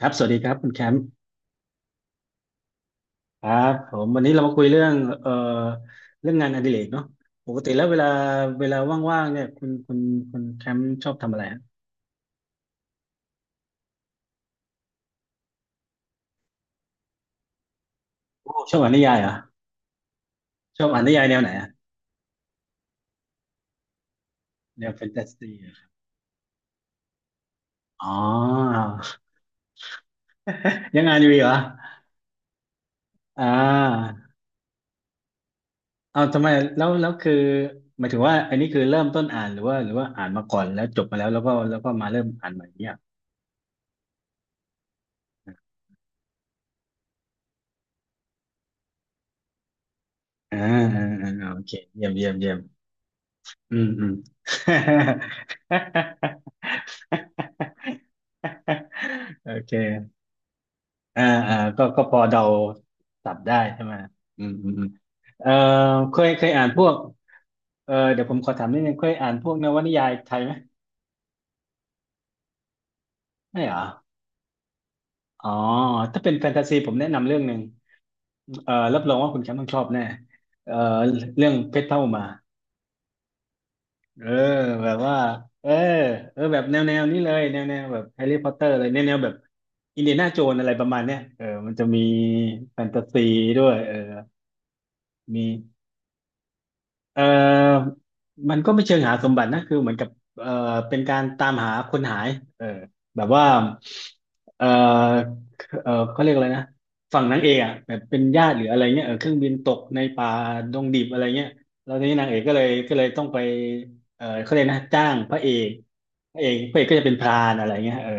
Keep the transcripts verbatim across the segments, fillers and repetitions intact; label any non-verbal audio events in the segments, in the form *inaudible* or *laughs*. ครับสวัสดีครับคุณแคมป์ครับผมวันนี้เรามาคุยเรื่องเอ่อเรื่องงานอดิเรกเนาะปกติแล้วเวลาเวลาว่างๆเนี่ยคุณคุณคุณแคมป์ชอบทำอะไรฮะโอ้ชอบอ่านนิยายเหรอชอบอ่านนิยายแนวไหนอะแนวแฟนตาซีอะอ๋อ *laughs* ยังงานอยู่เหรออ่าเอาทำไมแล้วแล้วคือหมายถึงว่าอันนี้คือเริ่มต้นอ่านหรือว่าหรือว่าอ่านมาก่อนแล้วจบมาแล้วแล้วก็แล้วก็มาเริ่มอ่านใหม่เนี่ยอ่าอ่าอ่าโอเคเยี่ยมเยี่ยมเยี่ยม อืมอืม *laughs* โอเคอ่าอ่าก็ก็พอเดาสับได้ใช่ไหมอืมอืมอืมเออเคยเคยอ่านพวกเออเดี๋ยวผมขอถามนิดนึงเคยอ่านพวกนวนิยายไทยไหมไม่เหรออ๋อถ้าเป็นแฟนตาซีผมแนะนำเรื่องหนึ่งเออรับรองว่าคุณแชมป์ต้องชอบแน่เออเรื่องเพชรเท่าอุมา เออแบบว่าเออเออแบบแนวแนวนี้เลยแนวแนวแบบแฮร์รี่พอตเตอร์เลยแนวแนวแบบอินเดียนาโจนอะไรประมาณเนี้ยเออมันจะมีแฟนตาซีด้วยเออมีเออมันก็ไม่เชิงหาสมบัตินะคือเหมือนกับเออเป็นการตามหาคนหายเออแบบว่าเออเออเขาเรียกอะไรนะฝั่งนางเอกอ่ะแบบเป็นญาติหรืออะไรเงี้ยเออเครื่องบินตกในป่าดงดิบอะไรเงี้ยแล้วทีนี้นางเอกก็เลยก็เลยต้องไปเออเขาเรียกนะจ้างพระเอก พระเอกพระเอกก็จะเป็นพรานอะไรเงี้ยเออ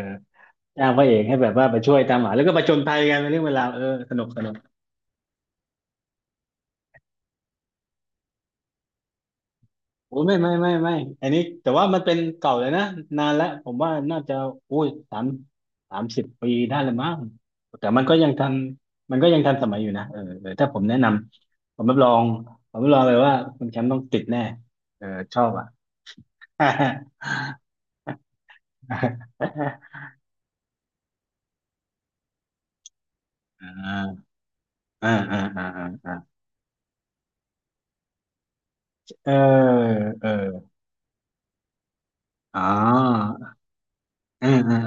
จ้างพระเอกให้แบบว่าไปช่วยตามหาแล้วก็ประจนภัยกันเป็นเรื่องเวลาวเออสนุกสนุกโอ้ยไม่ไม่ไม่ไม่อันนี้แต่ว่ามันเป็นเก่าเลยนะนานแล้วผมว่าน่าจะอุ้ยสามสามสิบปีได้เลยมั้งแต่มันก็ยังทันมันก็ยังทันสมัยอยู่นะเออเออถ้าผมแนะนำผมรับรองผมรับรองเลยว่าคุณแชมป์ต้องติดแน่เออชอบอ่ะ *laughs* อ่าอ่าอ่าอ่าอ่าเออเอออ๋ออืมอืม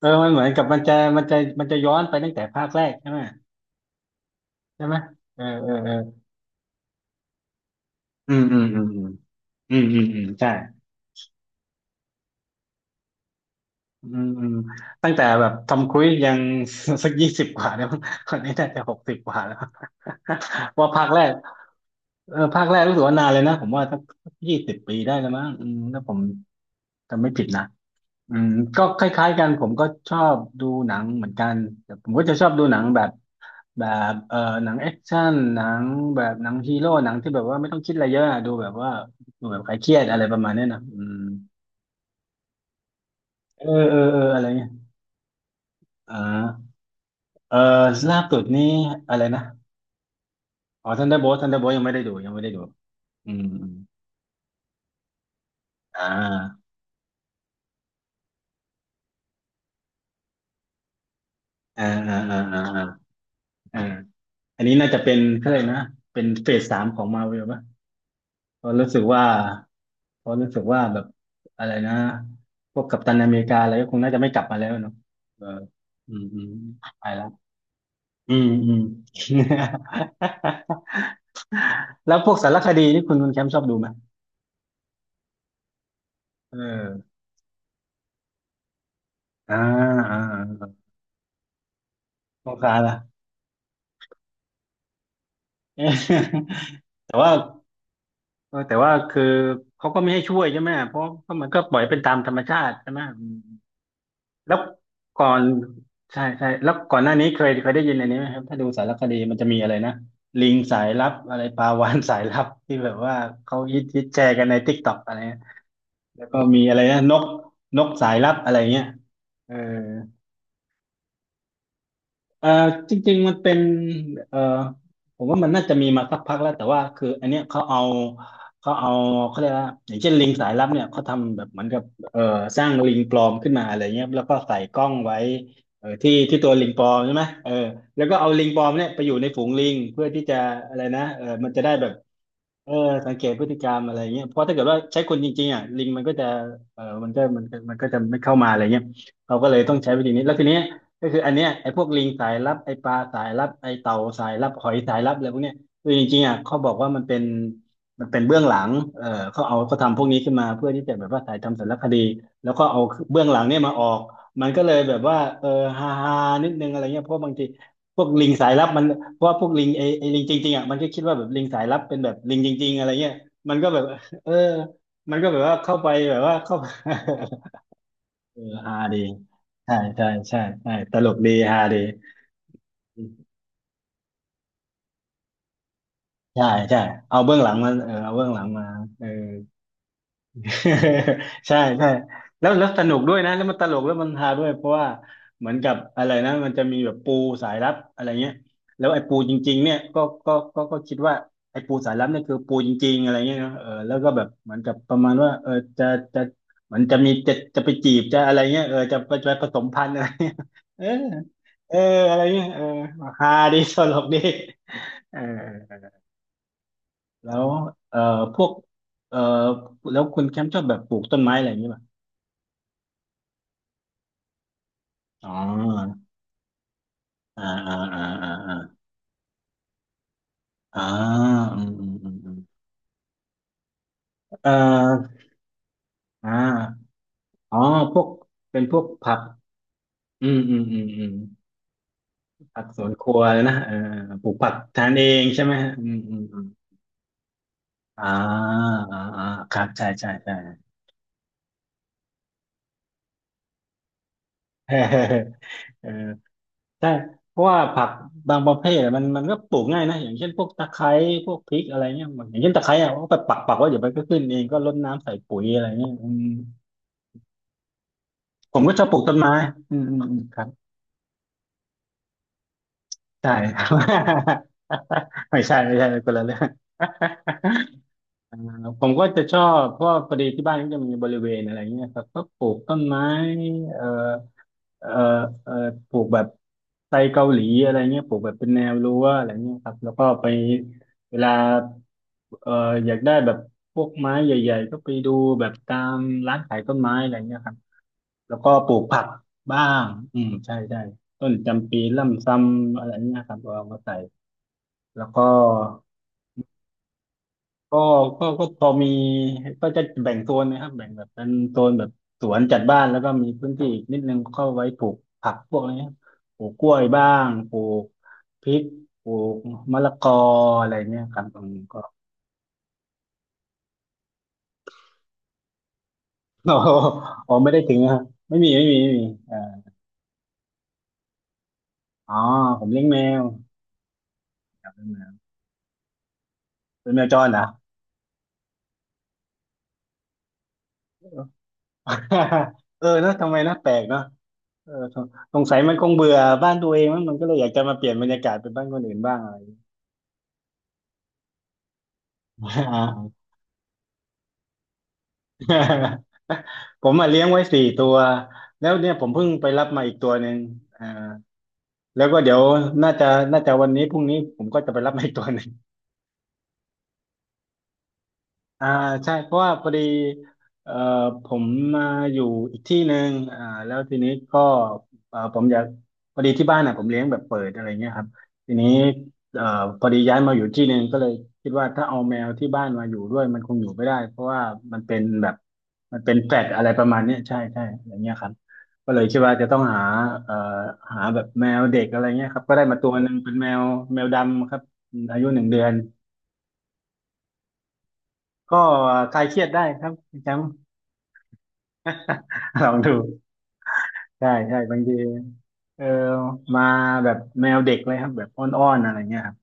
เออมันเหมือนกับมันจะมันจะมันจะย้อนไปตั้งแต่ภาคแรกใช่ไหมใช่ไหมเออเออเอออืมอืมอืมอืมอืมอืมอืมใช่อืมอืมตั้งแต่แบบทำครุยยัง *laughs* สักยี่สิบกว่าแล้ว *laughs* มั้งคนนี้น่าจะหกสิบกว่าแล้ว *laughs* ว่าภาคแรกเออภาคแรกรู้สึกว่านานเลยนะผมว่าสักยี่สิบปีได้แล้วมั้งอืมถ้าผมจำไม่ผิดนะอืมก็คล้ายๆกันผมก็ชอบดูหนังเหมือนกันแต่ผมก็จะชอบดูหนังแบบ แบบเออหนังแอคชั่นหนังแบบหนังฮีโร่หนังที่แบบว่าไม่ต้องคิดอะไรเยอะอะดูแบบว่าดูแบบคลายเครียดอะไรประมาณเนี้ยนะอืมเออเออเอออะไรเงี้ยอ่าเออล่าสุดนี่อะไรนะอ๋อทันเดอร์โบลทันเดอร์โบลยังไม่ได้ดูยังไม่ได้ดูอืมอืมอ่าอ่าอ่าอ่าอ่าอ่าอันนี้น่าจะเป็นเขาเลยกนะเป็นเฟสสามของมาเวล เพราะรู้สึกว่าเพราะรู้สึกว่าแบบอะไรนะพวกกัปตันอเมริกาอะไรก็คงน่าจะไม่กลับมาแล้วเนาะเอออืมอืมไปแล้วอืมอืม *laughs* แล้วพวกสารคดีนี่คุณคุณแคมป์ชอบดูไหมเอออ่าอ่าอ่าสงสารนะเออ *laughs* แต่ว่าเออแต่ว่าคือเขาก็ไม่ให้ช่วยใช่ไหมเพราะเพราะมันก็ปล่อยเป็นตามธรรมชาติใช่ไหม แล้วก่อนใช่ใช่แล้วก่อนหน้านี้เคยเคยได้ยินอันนี้ไหมครับถ้าดูสารคดีมันจะมีอะไรนะลิงสายลับอะไรปลาวาฬสายลับ *laughs* ที่แบบว่าเขาฮิตฮิตแชร์กันในติ๊กต็อกอะไรเงี้ยแล้วก็มีอะไรนะนกนกสายลับอะไรเงี้ยเออ เอ่อจริงๆมันเป็นเอ่อผมว่ามันน่าจะมีมาสักพักแล้วแต่ว่าคืออันเนี้ยเขาเอาเขาเอาเขาเรียกว่าอย่างเช่นลิงสายลับเนี่ยเขาทำแบบเหมือนกับเอ่อสร้างลิงปลอมขึ้นมาอะไรเงี้ยแล้วก็ใส่กล้องไว้เอ่อที่ที่ตัวลิงปลอมใช่ไหมเออแล้วก็เอาลิงปลอมเนี่ยไปอยู่ในฝูงลิงเพื่อที่จะอะไรนะเออมันจะได้แบบ เออสังเกตพฤติกรรมอะไรเงี้ยเพราะถ้าเกิดว่าใช้คนจริงๆอ่ะลิงมันก็จะเออมันก็มันก็มันก็จะไม่เข้ามาอะไรเงี้ยเราก็เลยต้องใช้วิธีนี้แล้วทีเนี้ยก็คืออันเนี้ยไอ้พวกลิงสายลับไอ้ปลาสายลับไอ้เต่าสายลับหอยสายลับอะไรพวกเนี้ยคือจริงๆอ่ะเขาบอกว่ามันเป็นมันเป็นเบื้องหลังเออเขาเอาเขาทำพวกนี้ขึ้นมาเพื่อที่จะแบบว่าถ่ายทำสารคดีแล้วก็เอาเบื้องหลังเนี่ยมาออกมันก็เลยแบบว่าเออฮาฮานิดนึงอะไรเงี้ยเพราะบางทีพวกลิงสายลับมัน เพราะว่าพวกลิงไอไอลิงจริงๆอ่ะมันก็คิดว่าแบบลิงสายลับเป็นแบบลิงจริงๆอะไรเงี้ยมันก็แบบเออมันก็แบบว่าเข้าไปแบบว่าเข้า *laughs* เออฮาดีใช่ใช่ใช่ใช่ตลกดีฮาดีใช่ใช่เอาเบื้องหลังมาเออเอาเบื้องหลังมาเออ *laughs* ใช่ใช่แล้วแล้วสนุกด้วยนะแล้วมันตลกแล้วมันฮาด้วยเพราะว่าเหมือนกับอะไรนะมันจะมีแบบปูสายลับอะไรเงี้ยแล้วไอ้ปูจริงๆเนี่ยก็ก็ก็ก็คิดว่าไอ้ปูสายลับเนี่ยคือปูจริงๆอะไรเงี้ยเนอะเออแล้วก็แบบเหมือนกับประมาณว่าเออจะจะเหมือนจะมีจะจะไปจีบจะอะไรเงี้ยเออจะไปจะไปผสมพันธุ์อะไรเงี้ย *laughs* เออเอออะไรเงี้ยเออฮาดีตลกดีเออแล้วเอ่อพวกเอ่อแล้วคุณแคมป์ชอบแบบปลูกต้นไม้อะไรอย่างเงี้ย อ๋ออ่าอ่าอ่าอ่าอ่าอ่าอืมอืมอืมอืมเอ่ออ่าอ๋อพวกเป็นพวกผักอืมอืมอืมอืมผักสวนครัวเลยนะเออปลูกผักทานเองใช่ไหมฮะอืมอืมอืมอ่าอ่าอ่าครับใช่ใช่ใช่ *laughs* เออเออใช่เพราะว่าผักบางประเภทอะมันมันก็ปลูกง่ายนะอย่างเช่นพวกตะไคร้พวกพริกอะไรเงี้ยอย่างเช่นตะไคร้อะก็ไปปักปักไว่าเดี๋ยวมันก็ขึ้นเองก็รดน้ำใส่ปุ๋ยอะไรเงี้ยอืม ผมก็ชอบปลูกต้นไม้อืมอืมอืมครับใช่ *laughs* ไม่ใช่ไม่ใช่คนละเรื่อง *laughs* อ่าผมก็จะชอบเพราะว่าพอดีที่บ้านก็จะมีบริเวณอะไรเงี้ยครับก็ปลูกต้นไม้เอ่อเอ่อเอ่อปลูกแบบไทรเกาหลีอะไรเงี้ยปลูกแบบเป็นแนวรั้วอะไรเงี้ยครับแล้วก็ไปเวลาเอ่ออยากได้แบบพวกไม้ใหญ่ๆก็ไปดูแบบตามร้านขายต้นไม้อะไรเงี้ยครับ แล้วก็ปลูกผักบ้างอืมใช่ใช่ต้นจำปีล่ำซำอะไรเงี้ยครับเราเอามาใส่แล้วก็ก็ก็ก็พอมีก็จะแบ่งโซนนะครับแบ่งแบบเป็นโซนแบบสวนจัดบ้านแล้วก็มีพื้นที่อีกนิดนึงเข้าไว้ปลูกผักพวกนี้ครับปลูกกล้วยบ้างปลูกพริกปลูกมะละกออะไรเนี่ยครับอืมก็ *laughs* ออ๋อไม่ได้ถึงนะครับไม่มีไม่มีไม่มีเอ่ออ๋อผมเลี้ยงแมวับเลี้ยงแมวเป็นแมวจรเหรอ *laughs* เออนะทำไมนะแปลกเนาะเออสงสงสัยมันคงเบื่อบ้านตัวเองมั้งมันก็เลยอยากจะมาเปลี่ยนบรรยากาศเป็นบ้านคนอื่นบ้างอะไรอย่างเงี้ย *laughs* อ่า *laughs* ผมมาเลี้ยงไว้สี่ตัวแล้วเนี่ยผมเพิ่งไปรับมาอีกตัวหนึ่งอ่าแล้วก็เดี๋ยวน่าจะน่าจะวันนี้พรุ่งนี้ผมก็จะไปรับมาอีกตัวหนึ่ง อ่าใช่เพราะว่าพอดีเอ่อผมมาอยู่อีกที่หนึ่งอ่าแล้วทีนี้ก็เอ่อผมอยากพอดีที่บ้านน่ะผมเลี้ยงแบบเปิดอะไรเงี้ยครับทีนี้เอ่อพอดีย้ายมาอยู่ที่หนึ่งก็เลยคิดว่าถ้าเอาแมวที่บ้านมาอยู่ด้วยมันคงอยู่ไม่ได้เพราะว่ามันเป็นแบบมันเป็นแฟลตอะไรประมาณเนี้ยใช่ใช่อะไรเงี้ยครับก็เลยคิดว่าจะต้องหาเอ่อหาแบบแมวเด็กอะไรเงี้ยครับก็ได้มาตัวหนึ่งเป็นแมวแมวดำครับอายุหนึ่งเดือนก็คลายเครียดได้ครับคุณแชมป์ *laughs* ลองดูใช่ใช่บางทีเออมาแบบแมวเด็กเลยครับแบบอ้อนๆอะไรเงี้ยครับ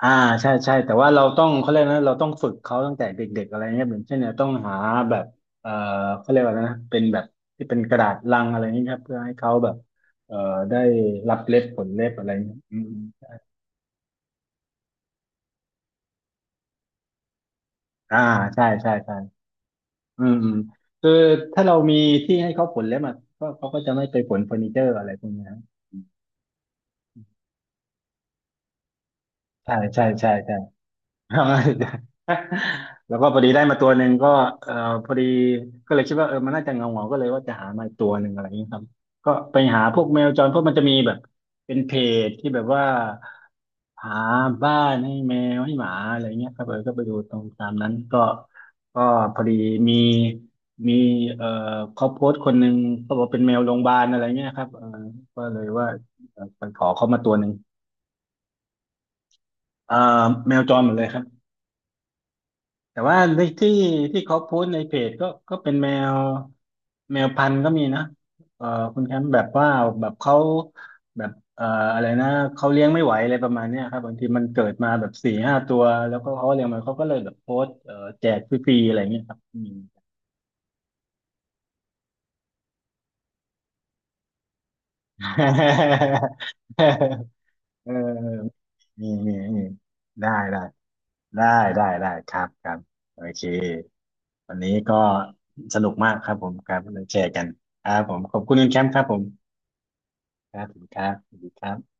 อ่าใช่ใช่แต่ว่าเราต้องเขาเรียกนะเราต้องฝึกเขาตั้งแต่เด็กๆอะไรเงี้ยเหมือนเช่นเนี่ยต้องหาแบบเออเขาเรียกว่านะเป็นแบบที่เป็นกระดาษลังอะไรเงี้ยครับเพื่อให้เขาแบบเออได้รับเล็บผลเล็บอะไรเงี้ยอืมๆอ่าใช่ใช่ใช่อืมอืมคือถ้าเรามีที่ให้เขาผลเล็บม่ะก็เขาก็จะไม่ไปผลเฟอร์นิเจอร์อะไรพวกเนี้ยใช่ใช่ใช่ใช่ *laughs* แล้วก็พอดีได้มาตัวหนึ่งก็เออพอดีก็เลยคิดว่าเออมันน่าจะเงาเงาก็เลยว่าจะหามาอีกตัวหนึ่งอะไรอย่างนี้ครับก็ไปหาพวกแมวจรพวกมันจะมีแบบเป็นเพจที่แบบว่าหาบ้านให้แมวให้หมาอะไรเงี้ยครับเออก็ไปดูตรงตามนั้นก็ก็พอดีมีมีเอ่อเขาโพสต์คนหนึ่งเขาบอกเป็นแมวโรงพยาบาลอะไรเงี้ยครับเออก็เลยว่าเออไปขอเขามาตัวหนึ่งเอ่อแมวจรหมดเลยครับ แต่ว่าในที่ที่เขาโพสต์ในเพจก็ก็เป็นแมวแมวพันธุ์ก็มีนะเอ่อคุณแชมป์แบบว่าแบบเขาแบบเอ่ออะไรนะเขาเลี้ยงไม่ไหวอะไรประมาณเนี้ยครับบางทีมันเกิดมาแบบสี่ห้าตัวแล้วก็เขาเลี้ยงมันเขาก็เลยแบบโพสต์เอ่อแจกฟรีๆอะไรเงี้ยครับอืม *laughs* เออนี่นี่นี่ได้ได้ได้ได้ได้ครับครับโอเควันนี้ก็สนุกมากครับผมครับเราแชร์กัน ครับผมขอบคุณคุณแคมป์ครับผมครับผมครับสวัสดีครับ